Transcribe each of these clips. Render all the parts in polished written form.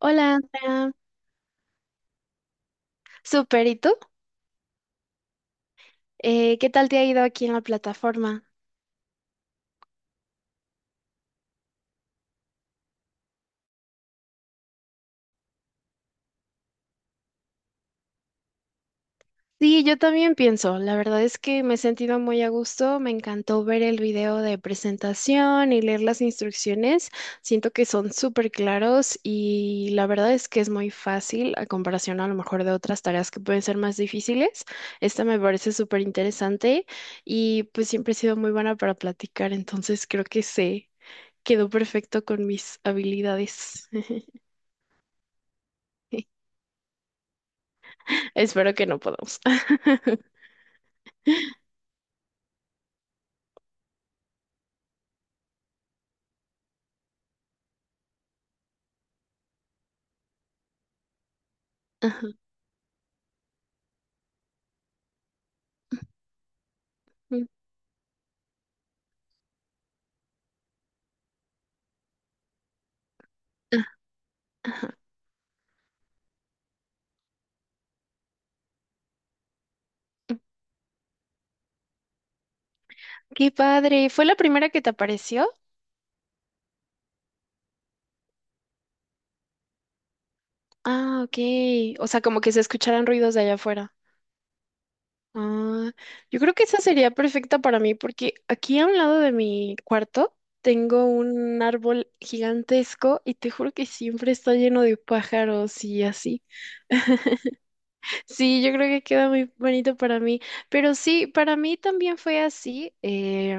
Hola, Andrea. Súper, ¿y tú? ¿Qué tal te ha ido aquí en la plataforma? Sí, yo también pienso. La verdad es que me he sentido muy a gusto. Me encantó ver el video de presentación y leer las instrucciones. Siento que son súper claros y la verdad es que es muy fácil a comparación a lo mejor de otras tareas que pueden ser más difíciles. Esta me parece súper interesante y pues siempre he sido muy buena para platicar, entonces creo que se quedó perfecto con mis habilidades. Espero que no podamos. Ajá. Qué padre. ¿Fue la primera que te apareció? Ah, ok. O sea, como que se escucharan ruidos de allá afuera. Ah, yo creo que esa sería perfecta para mí porque aquí a un lado de mi cuarto tengo un árbol gigantesco y te juro que siempre está lleno de pájaros y así. Sí, yo creo que queda muy bonito para mí, pero sí, para mí también fue así. eh,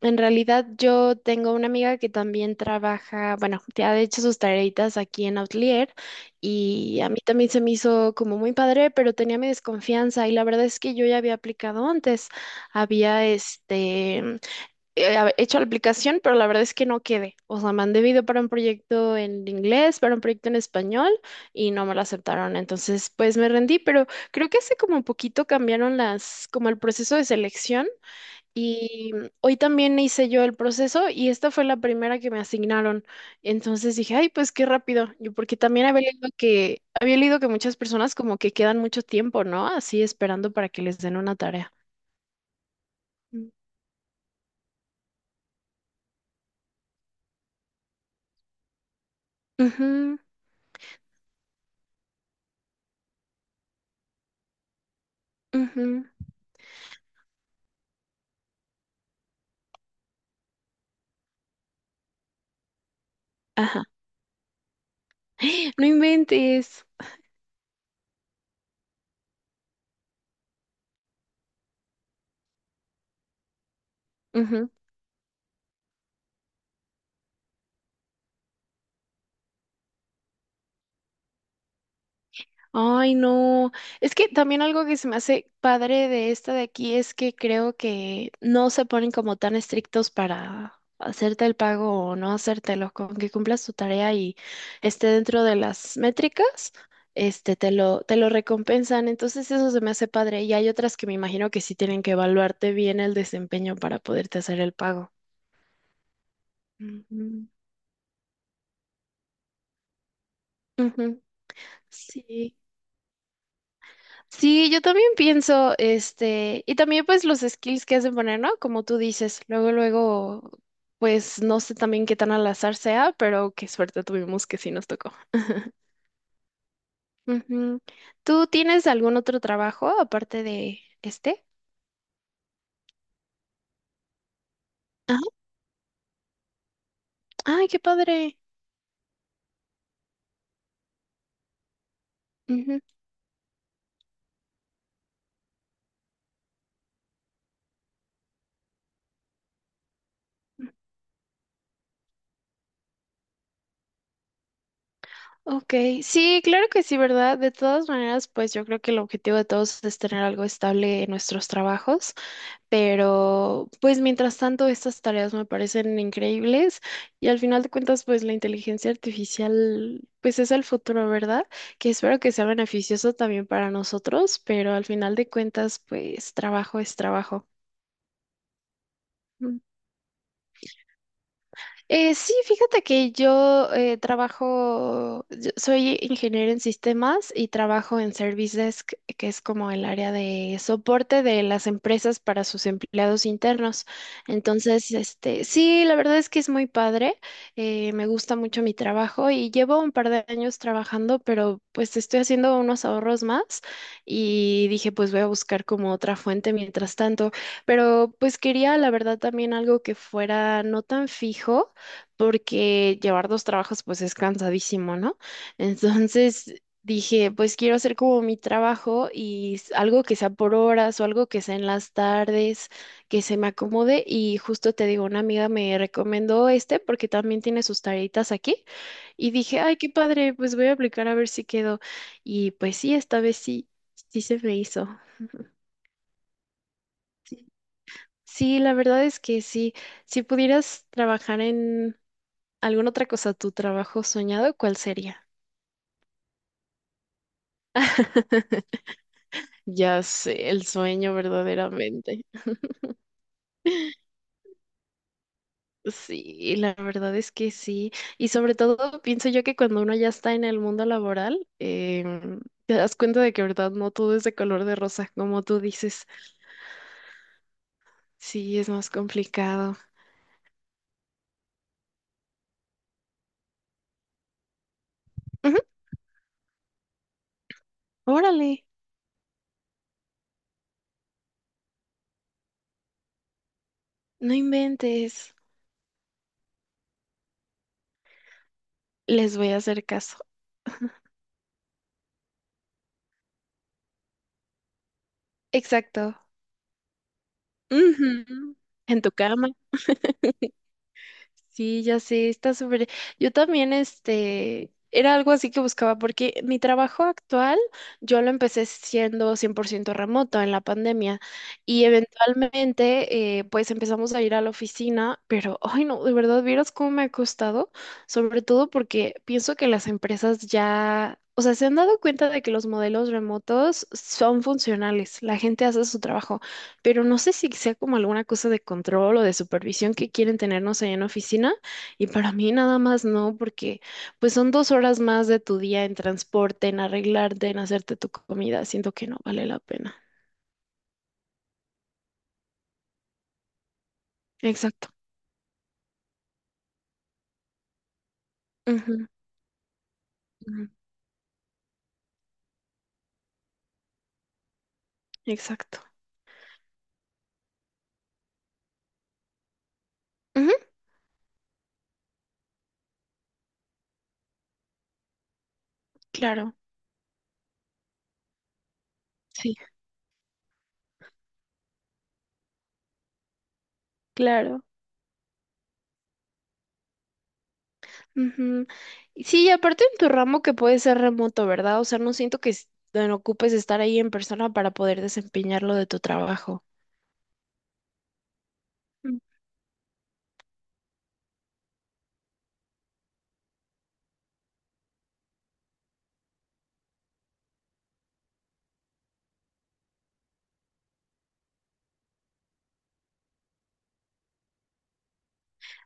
en realidad yo tengo una amiga que también trabaja, bueno, que ha hecho sus tareitas aquí en Outlier y a mí también se me hizo como muy padre, pero tenía mi desconfianza y la verdad es que yo ya había aplicado antes. Había hecho la aplicación, pero la verdad es que no quedé. O sea, mandé video para un proyecto en inglés, para un proyecto en español y no me lo aceptaron. Entonces, pues me rendí, pero creo que hace como un poquito cambiaron las, como el proceso de selección y hoy también hice yo el proceso y esta fue la primera que me asignaron. Entonces dije, ay, pues qué rápido. Yo porque también había leído que muchas personas como que quedan mucho tiempo, ¿no? Así esperando para que les den una tarea. Mm. Ujú, ujú. Ajá. No inventes. Ujú. Ay, no. Es que también algo que se me hace padre de esta de aquí es que creo que no se ponen como tan estrictos para hacerte el pago o no hacértelo, con que cumplas tu tarea y esté dentro de las métricas, este te lo recompensan. Entonces eso se me hace padre y hay otras que me imagino que sí tienen que evaluarte bien el desempeño para poderte hacer el pago. Ujú. Ujú. Sí. Sí, yo también pienso, este, y también pues los skills que has de poner, ¿no? Como tú dices, luego, luego, pues no sé también qué tan al azar sea, pero qué suerte tuvimos que sí nos tocó. Ujú. ¿Tú tienes algún otro trabajo aparte de este? Ajá. Ay, qué padre. Ujú. Ok, sí, claro que sí, ¿verdad? De todas maneras, pues yo creo que el objetivo de todos es tener algo estable en nuestros trabajos. Pero, pues mientras tanto, estas tareas me parecen increíbles y al final de cuentas, pues la inteligencia artificial, pues es el futuro, ¿verdad? Que espero que sea beneficioso también para nosotros, pero al final de cuentas, pues trabajo es trabajo. Mm. Sí, fíjate que yo trabajo, yo soy ingeniero en sistemas y trabajo en Service Desk, que es como el área de soporte de las empresas para sus empleados internos. Entonces, este, sí, la verdad es que es muy padre, me gusta mucho mi trabajo y llevo un par de años trabajando, pero pues estoy haciendo unos ahorros más y dije, pues voy a buscar como otra fuente mientras tanto, pero pues quería, la verdad, también algo que fuera no tan fijo porque llevar dos trabajos pues es cansadísimo, ¿no? Entonces dije, pues quiero hacer como mi trabajo y algo que sea por horas o algo que sea en las tardes, que se me acomode y justo te digo, una amiga me recomendó este porque también tiene sus tareitas aquí y dije, ay, qué padre, pues voy a aplicar a ver si quedo y pues sí, esta vez sí, sí se me hizo. Sí, sí, la verdad es que sí, si pudieras trabajar en alguna otra cosa, tu trabajo soñado, ¿cuál sería? Ya sé, el sueño verdaderamente. Sí, la verdad es que sí. Y sobre todo pienso yo que cuando uno ya está en el mundo laboral, te das cuenta de que, verdad, no todo es de color de rosa, como tú dices. Sí, es más complicado. Ujú. Órale, no inventes. Les voy a hacer caso. Exacto. Ujú. En tu cama. Sí, ya sé, está súper. Yo también, este, era algo así que buscaba, porque mi trabajo actual, yo lo empecé siendo 100% remoto en la pandemia y eventualmente, pues empezamos a ir a la oficina, pero, ay no, de verdad, vieras cómo me ha costado, sobre todo porque pienso que las empresas ya, o sea, se han dado cuenta de que los modelos remotos son funcionales, la gente hace su trabajo pero no sé si sea como alguna cosa de control o de supervisión que quieren tenernos allá en la oficina. Y para mí nada más no, porque pues son 2 horas más de tu día en transporte, en arreglarte, en hacerte tu comida. Siento que no vale la pena. Exacto. Ujú, ujú. Exacto. Ujú. Claro, sí, claro. Ujú. Y sí, y aparte en tu ramo que puede ser remoto, ¿verdad? O sea, no siento que s- te ocupes estar ahí en persona para poder desempeñar lo de tu trabajo.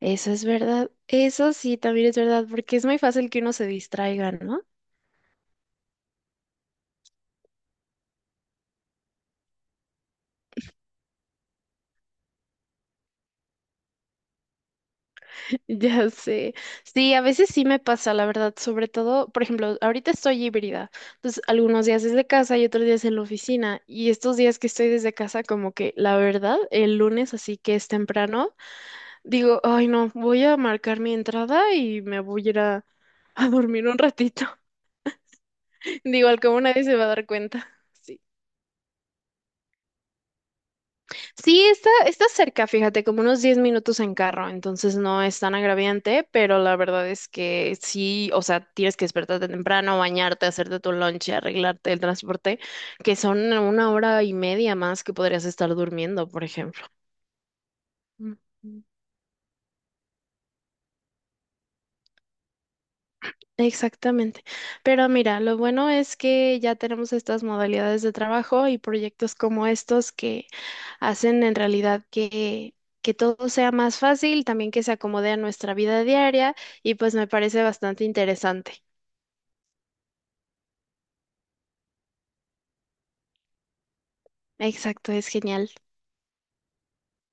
Eso es verdad, eso sí, también es verdad, porque es muy fácil que uno se distraiga, ¿no? Ya sé. Sí, a veces sí me pasa, la verdad, sobre todo, por ejemplo, ahorita estoy híbrida, entonces algunos días desde casa y otros días en la oficina, y estos días que estoy desde casa, como que la verdad, el lunes, así que es temprano, digo, ay no, voy a marcar mi entrada y me voy a ir a, dormir un ratito. Digo, al cabo nadie se va a dar cuenta. Sí. Sí, está cerca, fíjate, como unos 10 minutos en carro, entonces no es tan agraviante, pero la verdad es que sí, o sea, tienes que despertarte temprano, bañarte, hacerte tu lunch, arreglarte el transporte, que son 1 hora y media más que podrías estar durmiendo, por ejemplo. Mm. Exactamente. Pero mira, lo bueno es que ya tenemos estas modalidades de trabajo y proyectos como estos que hacen en realidad que todo sea más fácil, también que se acomode a nuestra vida diaria y pues me parece bastante interesante. Exacto, es genial.